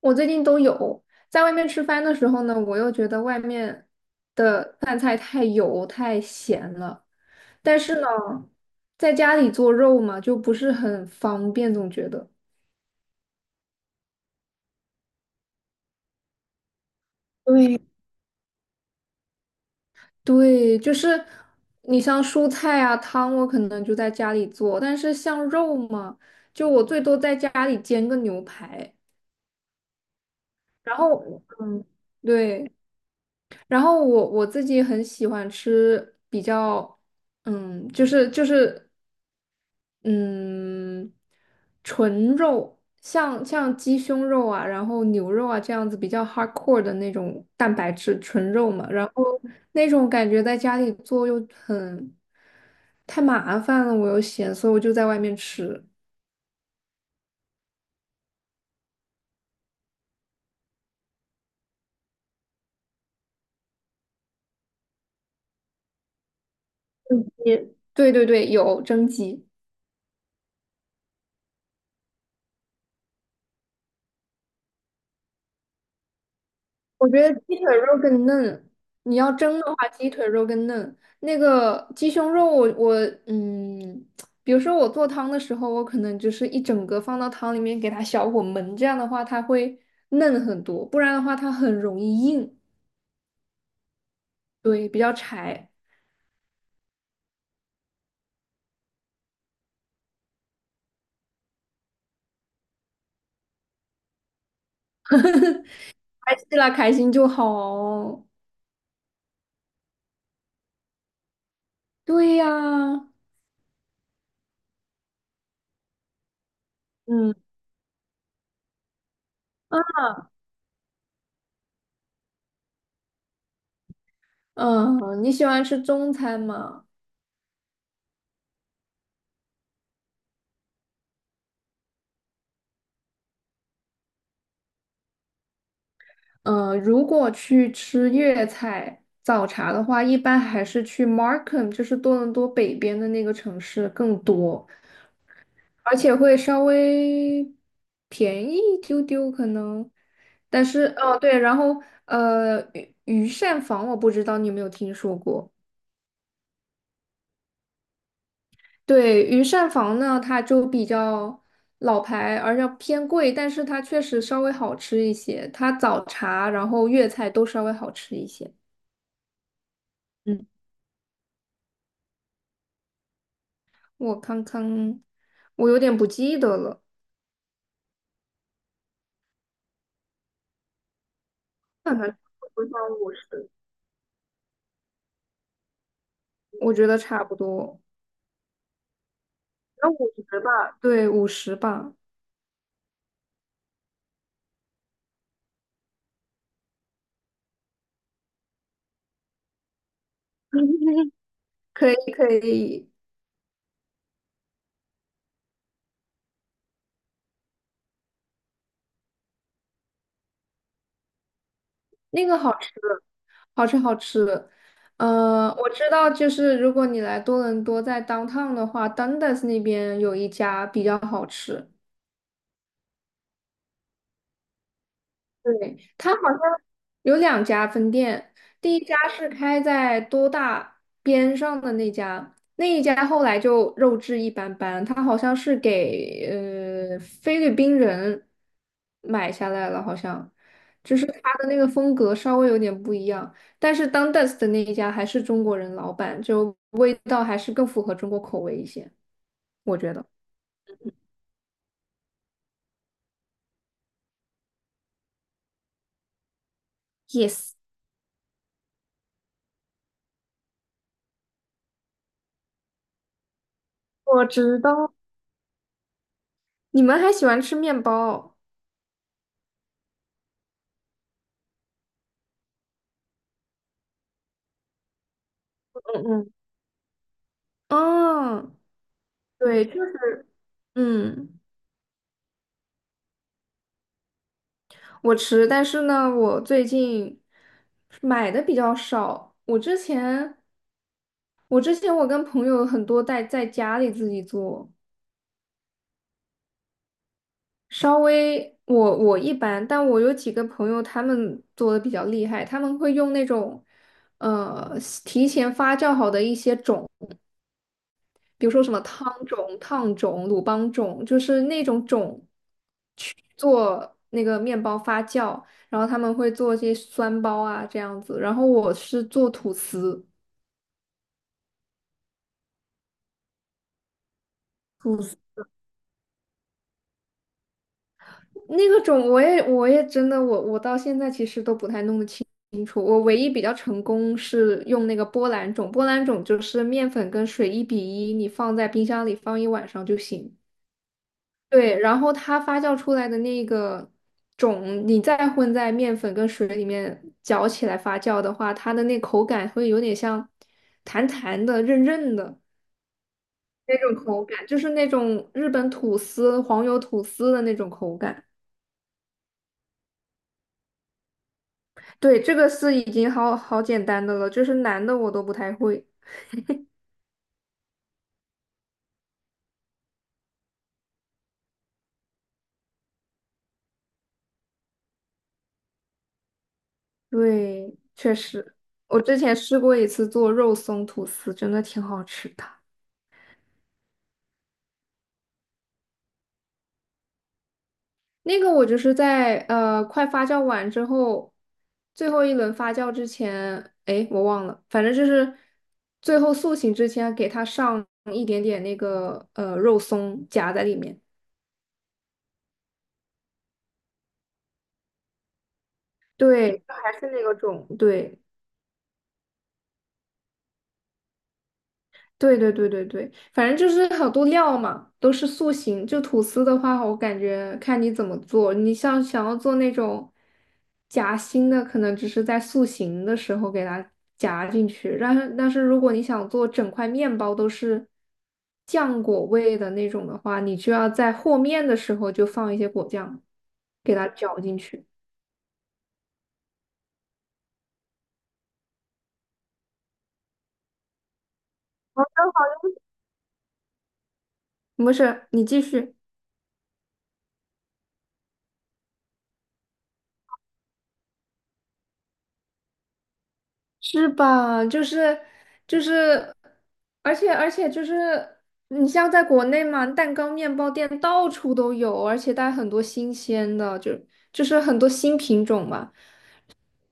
我最近都有，在外面吃饭的时候呢，我又觉得外面的饭菜太油太咸了，但是呢，在家里做肉嘛，就不是很方便，总觉得。对，对，就是你像蔬菜啊、汤，我可能就在家里做，但是像肉嘛，就我最多在家里煎个牛排，然后嗯，对，然后我自己很喜欢吃比较，嗯，就是就是。嗯，纯肉，像鸡胸肉啊，然后牛肉啊这样子比较 hardcore 的那种蛋白质纯肉嘛，然后那种感觉在家里做又很太麻烦了，我又嫌，所以我就在外面吃。嗯，也对对对，有蒸鸡。我觉得鸡腿肉更嫩，你要蒸的话，鸡腿肉更嫩。那个鸡胸肉我嗯，比如说我做汤的时候，我可能就是一整个放到汤里面给它小火焖，这样的话它会嫩很多，不然的话它很容易硬，对，比较柴。开心啦，开心就好。对呀，嗯，嗯，你喜欢吃中餐吗？如果去吃粤菜早茶的话，一般还是去 Markham，就是多伦多北边的那个城市更多，而且会稍微便宜一丢丢可能。但是哦，对，然后御膳房我不知道你有没有听说过。对，御膳房呢，它就比较老牌，而且偏贵，但是它确实稍微好吃一些。它早茶，然后粤菜都稍微好吃一些。嗯。我看看，我有点不记得了，看看，我想五十，我觉得差不多，那五十吧。对，五十吧。 可以可以，那个好吃，好吃好吃。我知道，就是如果你来多伦多，在 downtown 的话，Dundas 那边有一家比较好吃。对，它好像有两家分店，第一家是开在多大边上的那家，那一家后来就肉质一般般，它好像是给菲律宾人买下来了，好像就是它的那个风格稍微有点不一样，但是 Dundas 的那一家还是中国人老板，就味道还是更符合中国口味一些，我觉得。Yes，我知道，你们还喜欢吃面包。嗯嗯，哦，对，嗯，我吃，但是呢，我最近买的比较少。我之前我跟朋友很多在家里自己做，稍微我一般，但我有几个朋友他们做的比较厉害，他们会用那种呃提前发酵好的一些种，比如说什么汤种、烫种、鲁邦种，就是那种种。做那个面包发酵，然后他们会做一些酸包啊这样子，然后我是做吐司，吐司那个种我也真的我到现在其实都不太弄得清楚，我唯一比较成功是用那个波兰种，波兰种就是面粉跟水一比一，你放在冰箱里放一晚上就行。对，然后它发酵出来的那个种，你再混在面粉跟水里面搅起来发酵的话，它的那口感会有点像弹弹的、韧韧的那种口感，就是那种日本吐司、黄油吐司的那种口感。对，这个是已经好好简单的了，就是难的我都不太会。对，确实，我之前试过一次做肉松吐司，真的挺好吃的。那个我就是在快发酵完之后，最后一轮发酵之前，哎，我忘了，反正就是最后塑形之前给它上一点点那个肉松夹在里面。对，还是那个种，对。对对对对对，反正就是好多料嘛，都是塑形。就吐司的话，我感觉看你怎么做。你像想要做那种夹心的，可能只是在塑形的时候给它夹进去。但是如果你想做整块面包都是酱果味的那种的话，你就要在和面的时候就放一些果酱，给它搅进去。没事，你继续。是吧？就是，而且就是，你像在国内嘛，蛋糕、面包店到处都有，而且它很多新鲜的，就是很多新品种嘛，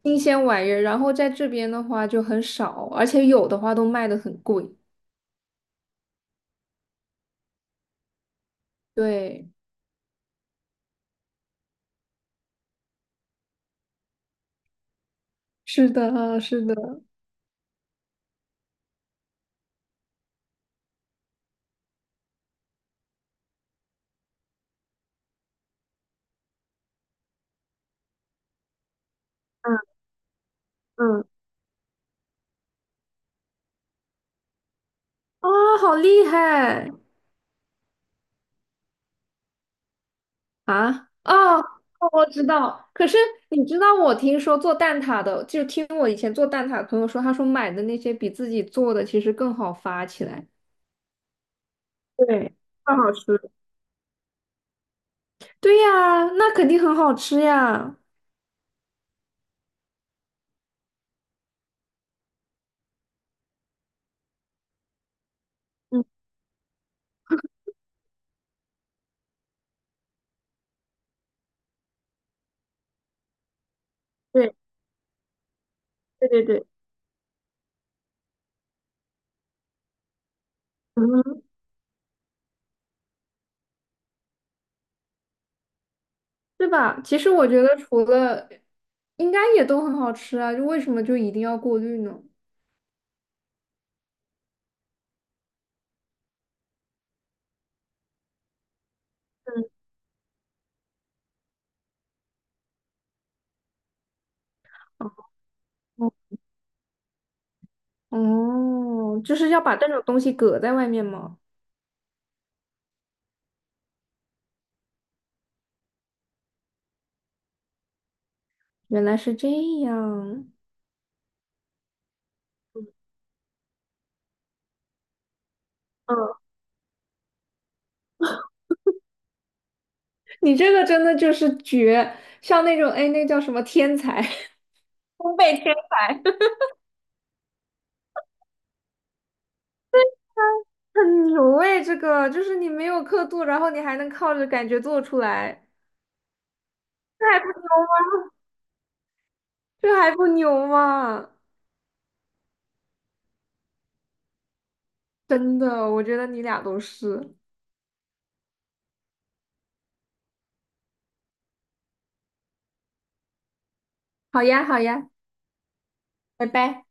新鲜玩意儿。然后在这边的话就很少，而且有的话都卖的很贵。对，是的，是的，嗯嗯，啊，好厉害！啊，哦，哦我知道。可是你知道，我听说做蛋挞的，就听我以前做蛋挞的朋友说，他说买的那些比自己做的其实更好发起来。对，更好吃。对呀，那肯定很好吃呀，嗯，对对对对，嗯，对吧？其实我觉得除了应该也都很好吃啊，就为什么就一定要过滤呢？嗯，哦，哦，就是要把这种东西搁在外面吗？原来是这样。嗯。你这个真的就是绝，像那种哎，那叫什么天才，烘焙天才，很牛哎，这个就是你没有刻度，然后你还能靠着感觉做出来，这还不牛吗？这还不牛吗？真的，我觉得你俩都是。好呀，好呀，拜拜。